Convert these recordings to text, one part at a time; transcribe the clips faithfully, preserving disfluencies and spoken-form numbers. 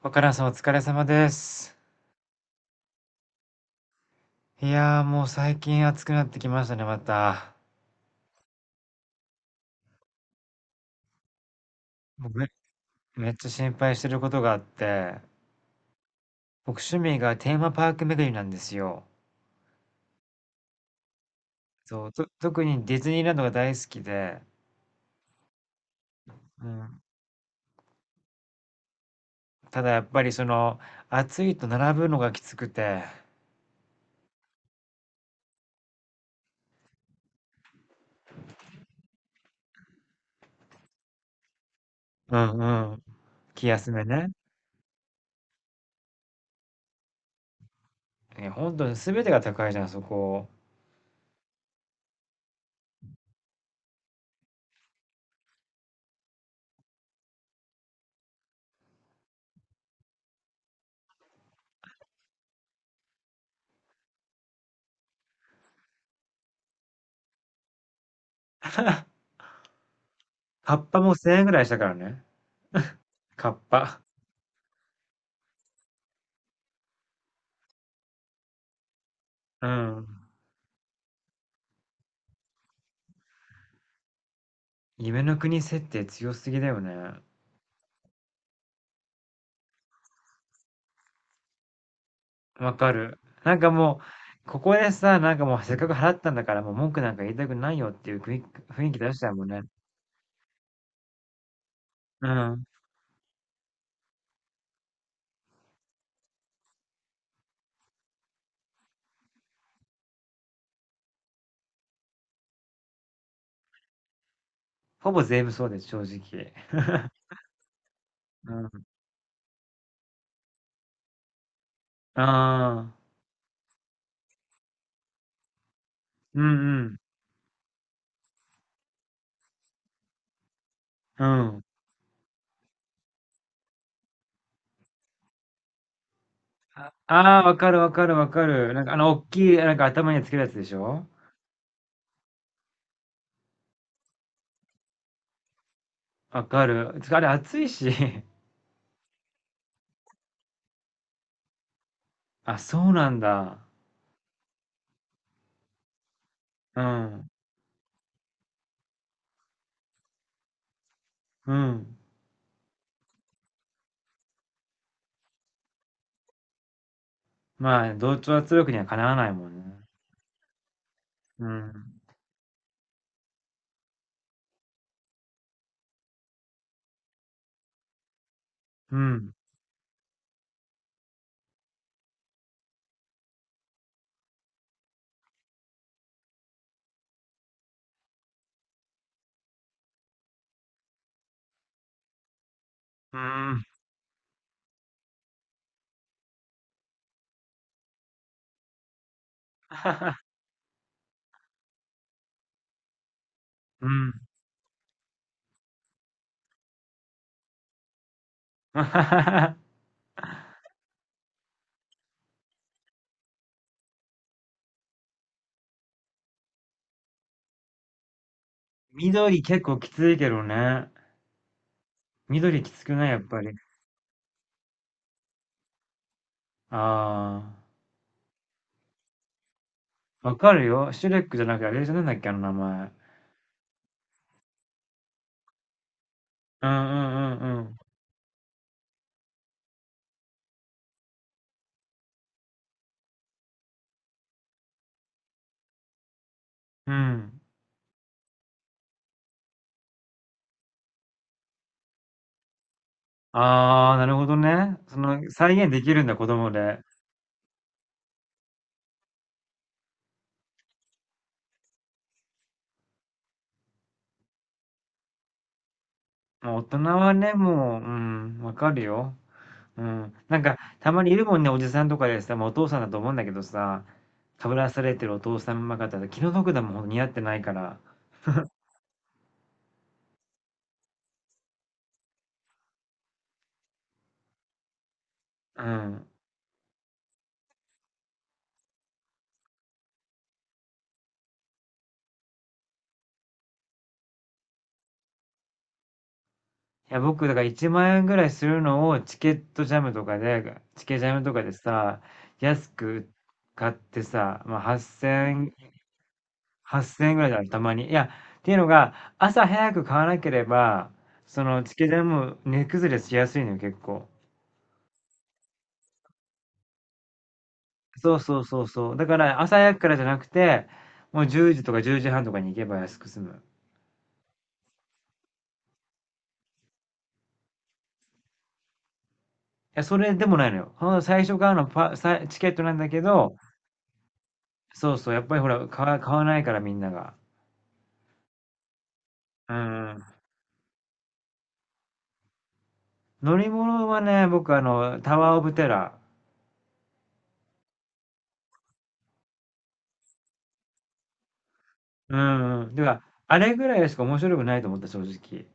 若菜さんお疲れ様です。いやーもう最近暑くなってきましたね、また。僕め、めっちゃ心配してることがあって、僕趣味がテーマパーク巡りなんですよ。そう、と、特にディズニーランドが大好きで、うん。ただやっぱりその、暑いと並ぶのがきつくて、うんうん。気休めね。え、本当に全てが高いじゃん、そこ。カッパもせんえんぐらいしたからね。カッパ。うん。夢の国設定強すぎだよね。わかる。なんかもう、ここでさ、なんかもうせっかく払ったんだから、もう文句なんか言いたくないよっていう雰囲気雰囲気出しちゃうもんね。うん。ほぼ全部そうです、正直。うん。ああ、うんうん。うん。ああー、わかるわかるわかる。なんかあの、大きい、なんか頭につけるやつでしょ。わかる。つかあれ熱いし。あ、そうなんだ。うん。うん。まあ、同調圧力にはかなわないもんね。うん。うん。うん。うん。緑結構きついけどね。緑きつくないやっぱり。ああ、わかるよ。シュレックじゃなくて、あれじゃなんだっけ、あの名前。うんうんうんうん。うん。ああ、なるほどね。その、再現できるんだ、子供で。もう大人はね、もう、うん、わかるよ。うん。なんか、たまにいるもんね、おじさんとかでさ、もうお父さんだと思うんだけどさ、かぶらされてるお父さんま方で気の毒だもん、似合ってないから。うん。いや、僕、だからいちまん円ぐらいするのをチケットジャムとかで、チケジャムとかでさ、安く買ってさ、まあ、はっせんえん、はっせんえんぐらいだよ、たまに。いや、っていうのが、朝早く買わなければ、そのチケジャム値崩れしやすいのよ、結構。そうそうそうそう。だから朝早くからじゃなくて、もうじゅうじとかじゅうじはんとかに行けば安く済む。いや、それでもないのよ。ほんと最初買うのパ、さチケットなんだけど、そうそう、やっぱりほら、買わ、買わないからみんなが。うん。乗り物はね、僕あの、タワーオブテラー。うんうん。てか、あれぐらいしか面白くないと思った、正直。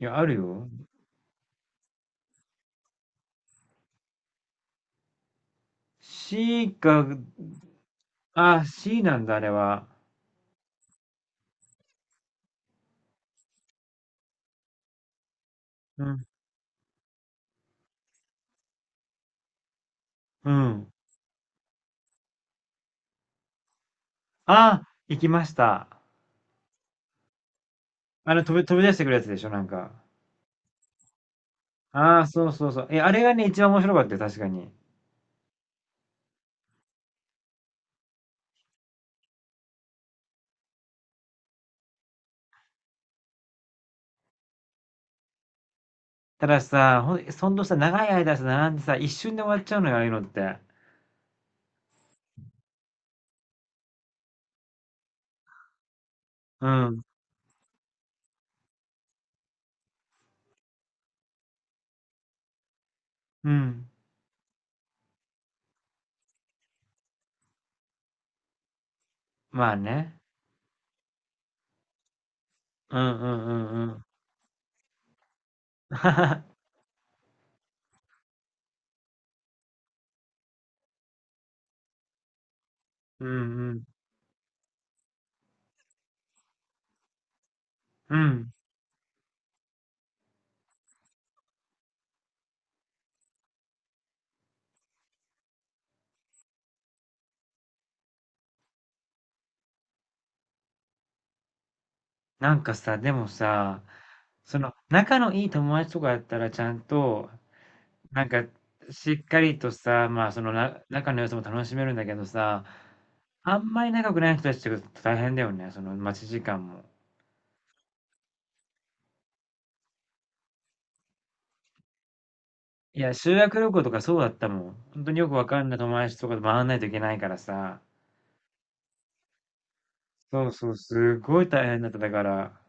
いや、あるよ。C か、あ、C なんだ、あれは。うん。うん。あ、行きました。あの、飛び、飛び出してくるやつでしょ、なんか。ああ、そうそうそう。え、あれがね、一番面白かったよ、確かに。たださ、ほん、ほんとさ、長い間さ、並んでさ、一瞬で終わっちゃうのよ、ああいうのって。うん。うん。まあね。うんうんうんうん。うんうん。うん。なんかさ、でもさ、その仲のいい友達とかやったらちゃんと、なんかしっかりとさ、まあそのな仲の良さも楽しめるんだけどさ、あんまり仲良くない人たちとか大変だよね、その待ち時間も。いや、修学旅行とかそうだったもん。本当によくわかんない友達とかと回らないといけないからさ。そうそう、すごい大変だった。だから、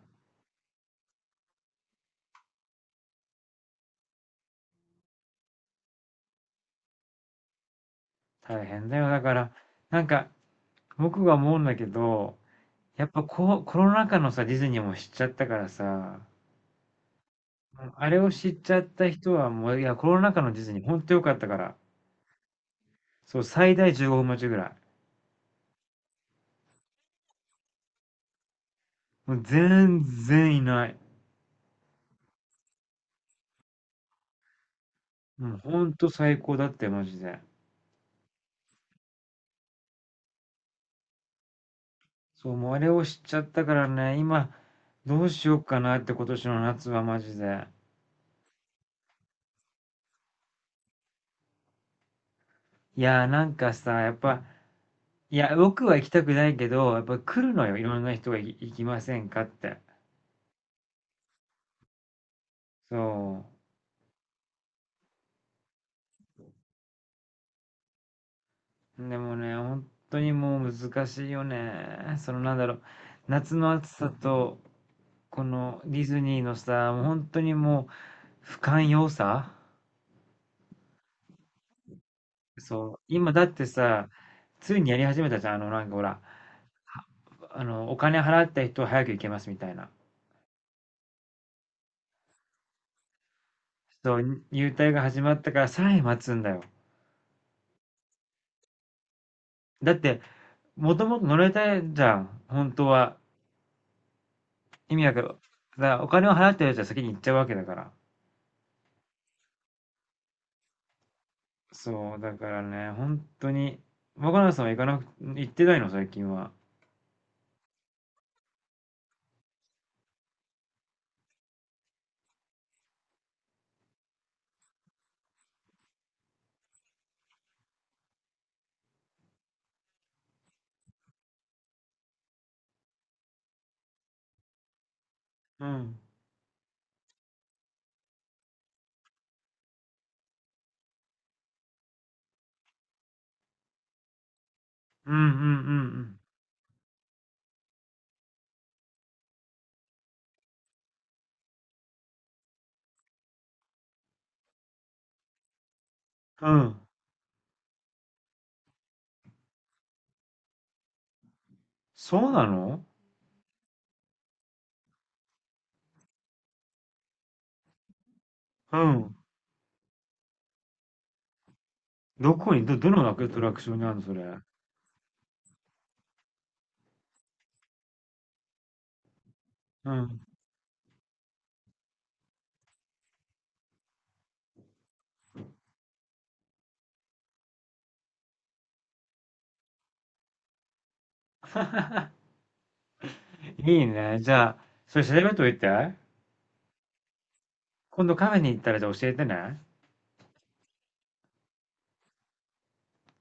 大変だよ。だから、なんか僕が思うんだけど、やっぱこうコロナ禍のさ、ディズニーも知っちゃったからさ、あれを知っちゃった人はもう、いや、コロナ禍のディズニー、ほんと良かったから、そう、最大じゅうごふん待ちぐらい。もう全然いない。もうほんと最高だったよ、マジで。そう、もうあれを知っちゃったからね、今、どうしようかなって今年の夏はマジで。いや、なんかさ、やっぱ、いや、僕は行きたくないけど、やっぱ来るのよ、いろんな人がい行きませんかって。そう。でもね、本当にもう難しいよね。そのなんだろう、夏の暑さと、このディズニーのさ、もう本当にもう不寛容さ。そう。今だってさ、ついにやり始めたじゃん。あの、なんかほら、あの、お金払った人は早く行けますみたいな。そう、入隊が始まったからさらに待つんだよ。だって、もともと乗れたいじゃん。本当は。意味わかる。だお金を払ってるやつは先に行っちゃうわけだから。そう、だからね、本当に。若菜さんは行かなく、行ってないの、最近は。うん。うんうんうんうん。うん。そうなの。うん。どこに、ど、どのアトラクションにあるの、それ。うん。いいね。じゃあ、それ調べといて。今度カフェに行ったら、じゃあ教えてね。